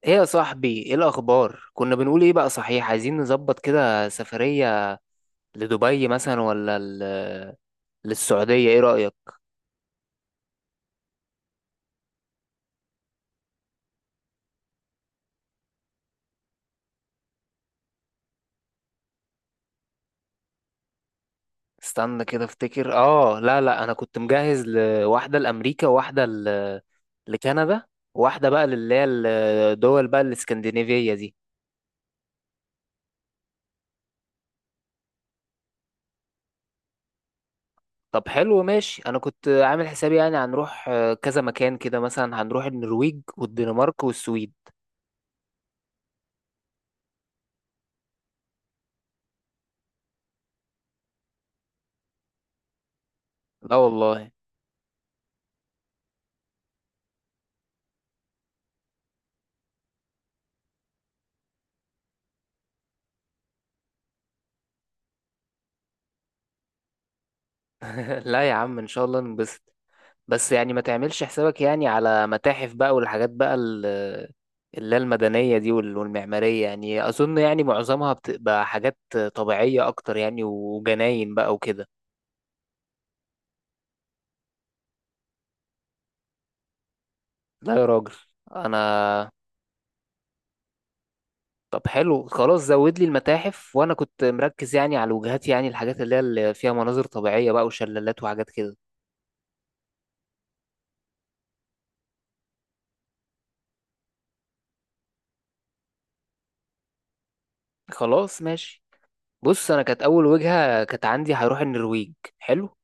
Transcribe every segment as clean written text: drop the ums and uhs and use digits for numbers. ايه يا صاحبي، ايه الاخبار؟ كنا بنقول ايه بقى؟ صحيح، عايزين نظبط كده سفرية لدبي مثلا ولا للسعودية. ايه رأيك؟ استنى كده افتكر. اه، لا لا، انا كنت مجهز لواحدة لامريكا وواحدة لكندا، وواحدة بقى للي هي الدول بقى الاسكندنافية دي. طب حلو ماشي، انا كنت عامل حسابي يعني هنروح كذا مكان كده، مثلا هنروح النرويج والدنمارك والسويد. لا والله. لا يا عم، ان شاء الله ننبسط. بس يعني ما تعملش حسابك يعني على متاحف بقى والحاجات بقى اللي هي المدنية دي والمعمارية، يعني أظن يعني معظمها بتبقى حاجات طبيعية أكتر يعني، وجناين بقى وكده. لا يا راجل. أنا طب حلو خلاص، زود لي المتاحف. وأنا كنت مركز يعني على الوجهات، يعني الحاجات اللي هي اللي فيها مناظر طبيعية بقى وشلالات وحاجات كده. خلاص ماشي. بص، أنا كانت أول وجهة كانت عندي هروح النرويج. حلو.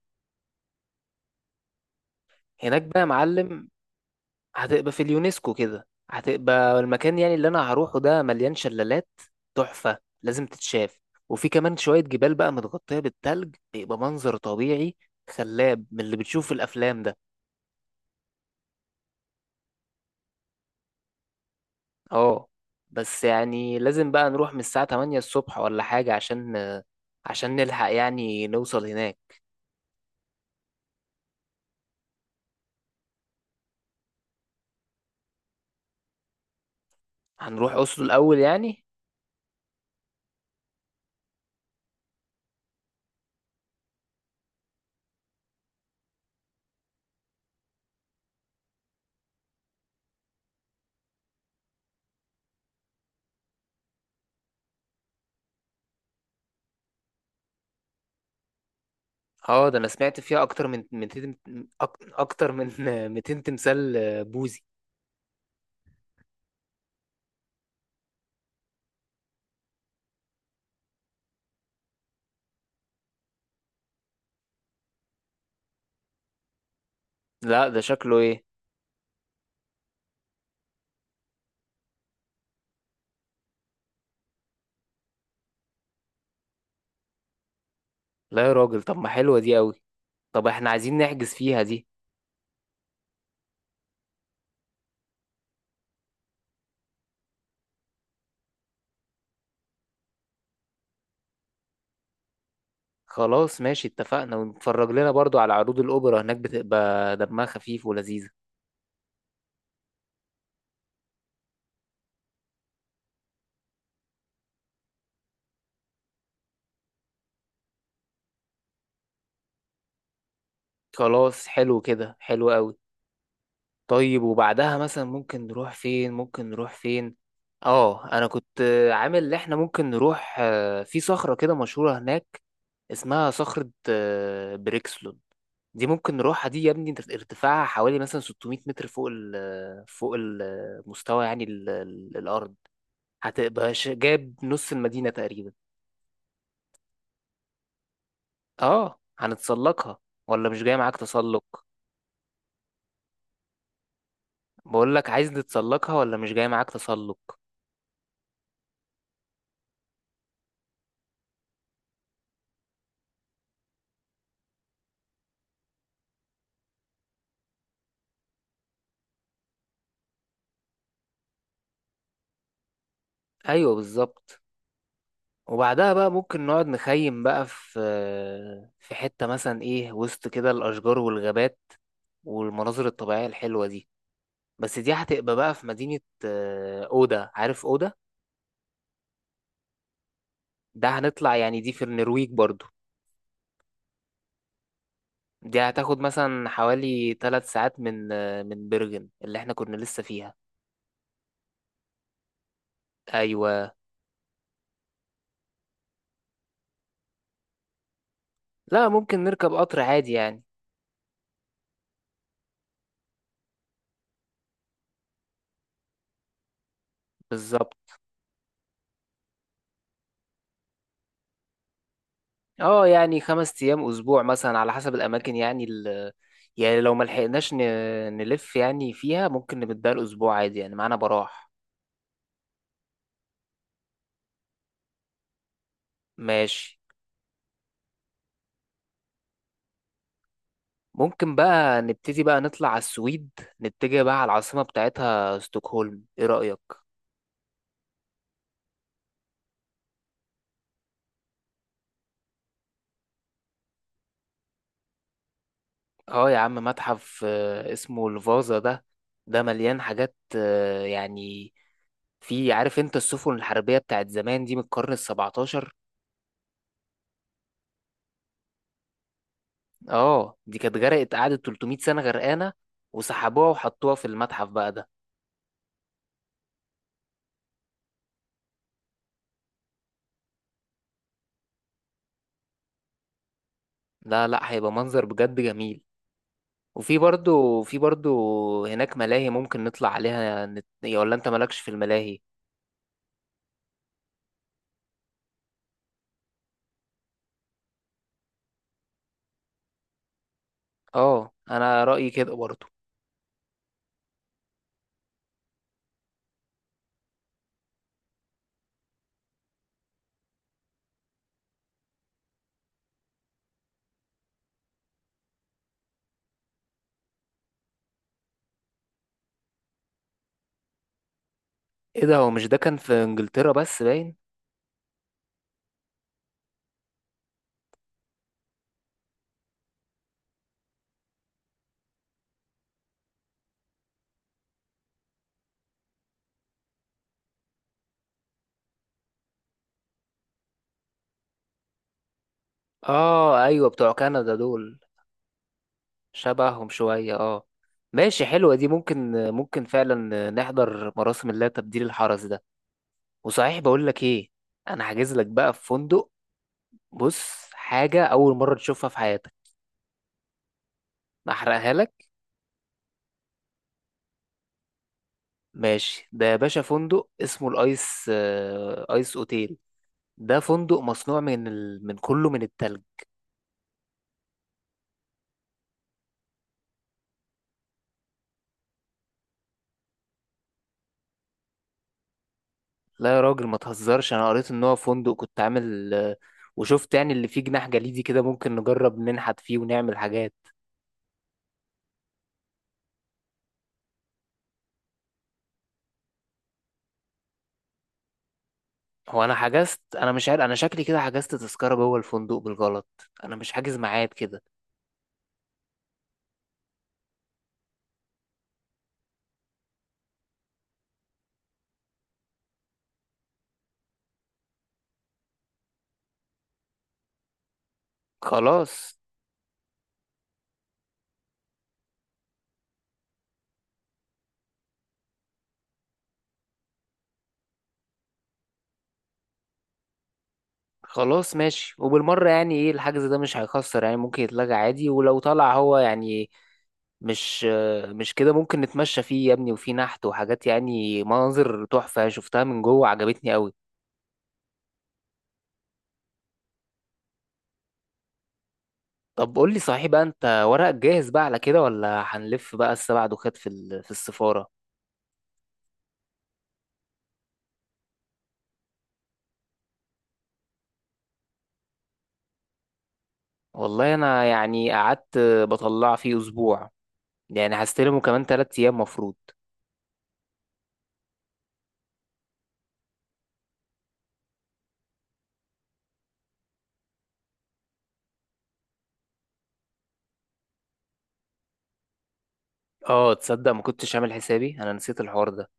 هناك بقى يا معلم. هتبقى في اليونسكو كده، هتبقى المكان يعني اللي انا هروحه ده مليان شلالات تحفة، لازم تتشاف. وفي كمان شوية جبال بقى متغطية بالتلج، بيبقى منظر طبيعي خلاب من اللي بتشوف في الافلام ده. اه. بس يعني لازم بقى نروح من الساعة 8 الصبح ولا حاجة، عشان نلحق يعني نوصل هناك. هنروح أسلو الأول يعني. اه، ده انا سمعت فيها اكتر من 200 أك- اكتر من 200 تمثال بوذي. لا، ده شكله ايه؟ لا يا راجل، طب ما حلوة دي قوي. طب احنا عايزين نحجز فيها دي. خلاص ماشي، اتفقنا. ونتفرج لنا برضو على عروض الأوبرا هناك، بتبقى دمها خفيف ولذيذة. خلاص حلو كده، حلو قوي. طيب، وبعدها مثلا ممكن نروح فين؟ ممكن نروح فين؟ اه، انا كنت عامل ان احنا ممكن نروح في صخرة كده مشهورة هناك، اسمها صخرة بريكسلون. دي ممكن نروحها دي يا ابني، انت ارتفاعها حوالي مثلا 600 متر فوق ال آه، فوق المستوى، يعني الأرض. هتبقى جايب نص المدينة تقريبا. اه هنتسلقها، ولا مش جاي معاك تسلق؟ بقول لك عايز نتسلقها، ولا مش جاي معاك تسلق؟ ايوه بالظبط. وبعدها بقى ممكن نقعد نخيم بقى في حتة مثلا ايه، وسط كده الاشجار والغابات والمناظر الطبيعية الحلوة دي. بس دي هتبقى بقى في مدينة أودا. عارف أودا؟ ده هنطلع يعني دي في النرويج برضو. دي هتاخد مثلا حوالي ثلاث ساعات من برغن، اللي احنا كنا لسه فيها. ايوه. لا، ممكن نركب قطر عادي يعني. بالظبط. اه يعني خمس ايام اسبوع مثلا على حسب الاماكن، يعني يعني لو ما لحقناش نلف يعني فيها، ممكن نبدأ الاسبوع عادي يعني معانا براح. ماشي. ممكن بقى نبتدي بقى نطلع على السويد، نتجه بقى على العاصمة بتاعتها ستوكهولم. ايه رأيك؟ اه يا عم، متحف اسمه الفازا ده، ده مليان حاجات يعني في. عارف انت السفن الحربية بتاعت زمان دي من القرن السبعتاشر. اه، دي كانت غرقت قعدت 300 سنة غرقانة، وسحبوها وحطوها في المتحف بقى ده. لا لا، هيبقى منظر بجد جميل. وفي برضو في برضو هناك ملاهي، ممكن نطلع عليها يا، ولا انت مالكش في الملاهي؟ اه انا رأيي كده برضو. ايه ده؟ هو مش ده كان في انجلترا بس باين؟ اه ايوه، بتوع كندا دول. شبههم شوية اه. ماشي، حلوة دي. ممكن فعلا نحضر مراسم الله تبديل الحرس ده. وصحيح بقول لك ايه، انا حاجز لك بقى في فندق. بص، حاجة أول مرة تشوفها في حياتك. أحرقها لك. ماشي ده يا باشا، فندق اسمه الأيس آه، أيس أوتيل. ده فندق مصنوع من كله من التلج. لا يا راجل ما تهزرش، أنا قريت إن هو فندق، كنت عامل وشفت يعني اللي فيه جناح جليدي كده، ممكن نجرب ننحت فيه ونعمل حاجات. هو أنا حجزت، أنا مش عارف، أنا شكلي كده حجزت تذكرة جوه الفندق بالغلط، أنا مش حاجز ميعاد كده. خلاص خلاص ماشي. وبالمرة يعني ايه، الحجز ده مش هيخسر يعني، ممكن يتلغى عادي. ولو طلع هو يعني مش مش كده، ممكن نتمشى فيه يا ابني، وفيه نحت وحاجات، يعني مناظر تحفة شفتها من جوه عجبتني قوي. طب قول لي صحيح بقى، انت ورقك جاهز بقى على كده، ولا هنلف بقى السبع دوخات في في السفارة؟ والله انا يعني قعدت بطلع فيه اسبوع، يعني هستلمه كمان تلات ايام مفروض. اه تصدق، ما كنتش عامل حسابي، انا نسيت الحوار ده.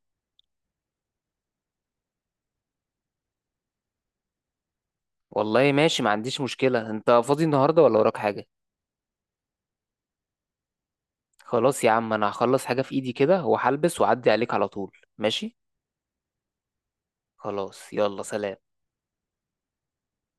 والله ماشي، ما عنديش مشكلة. انت فاضي النهاردة، ولا وراك حاجة؟ خلاص يا عم، انا هخلص حاجة في ايدي كده وهلبس واعدي عليك على طول، ماشي. خلاص يلا سلام.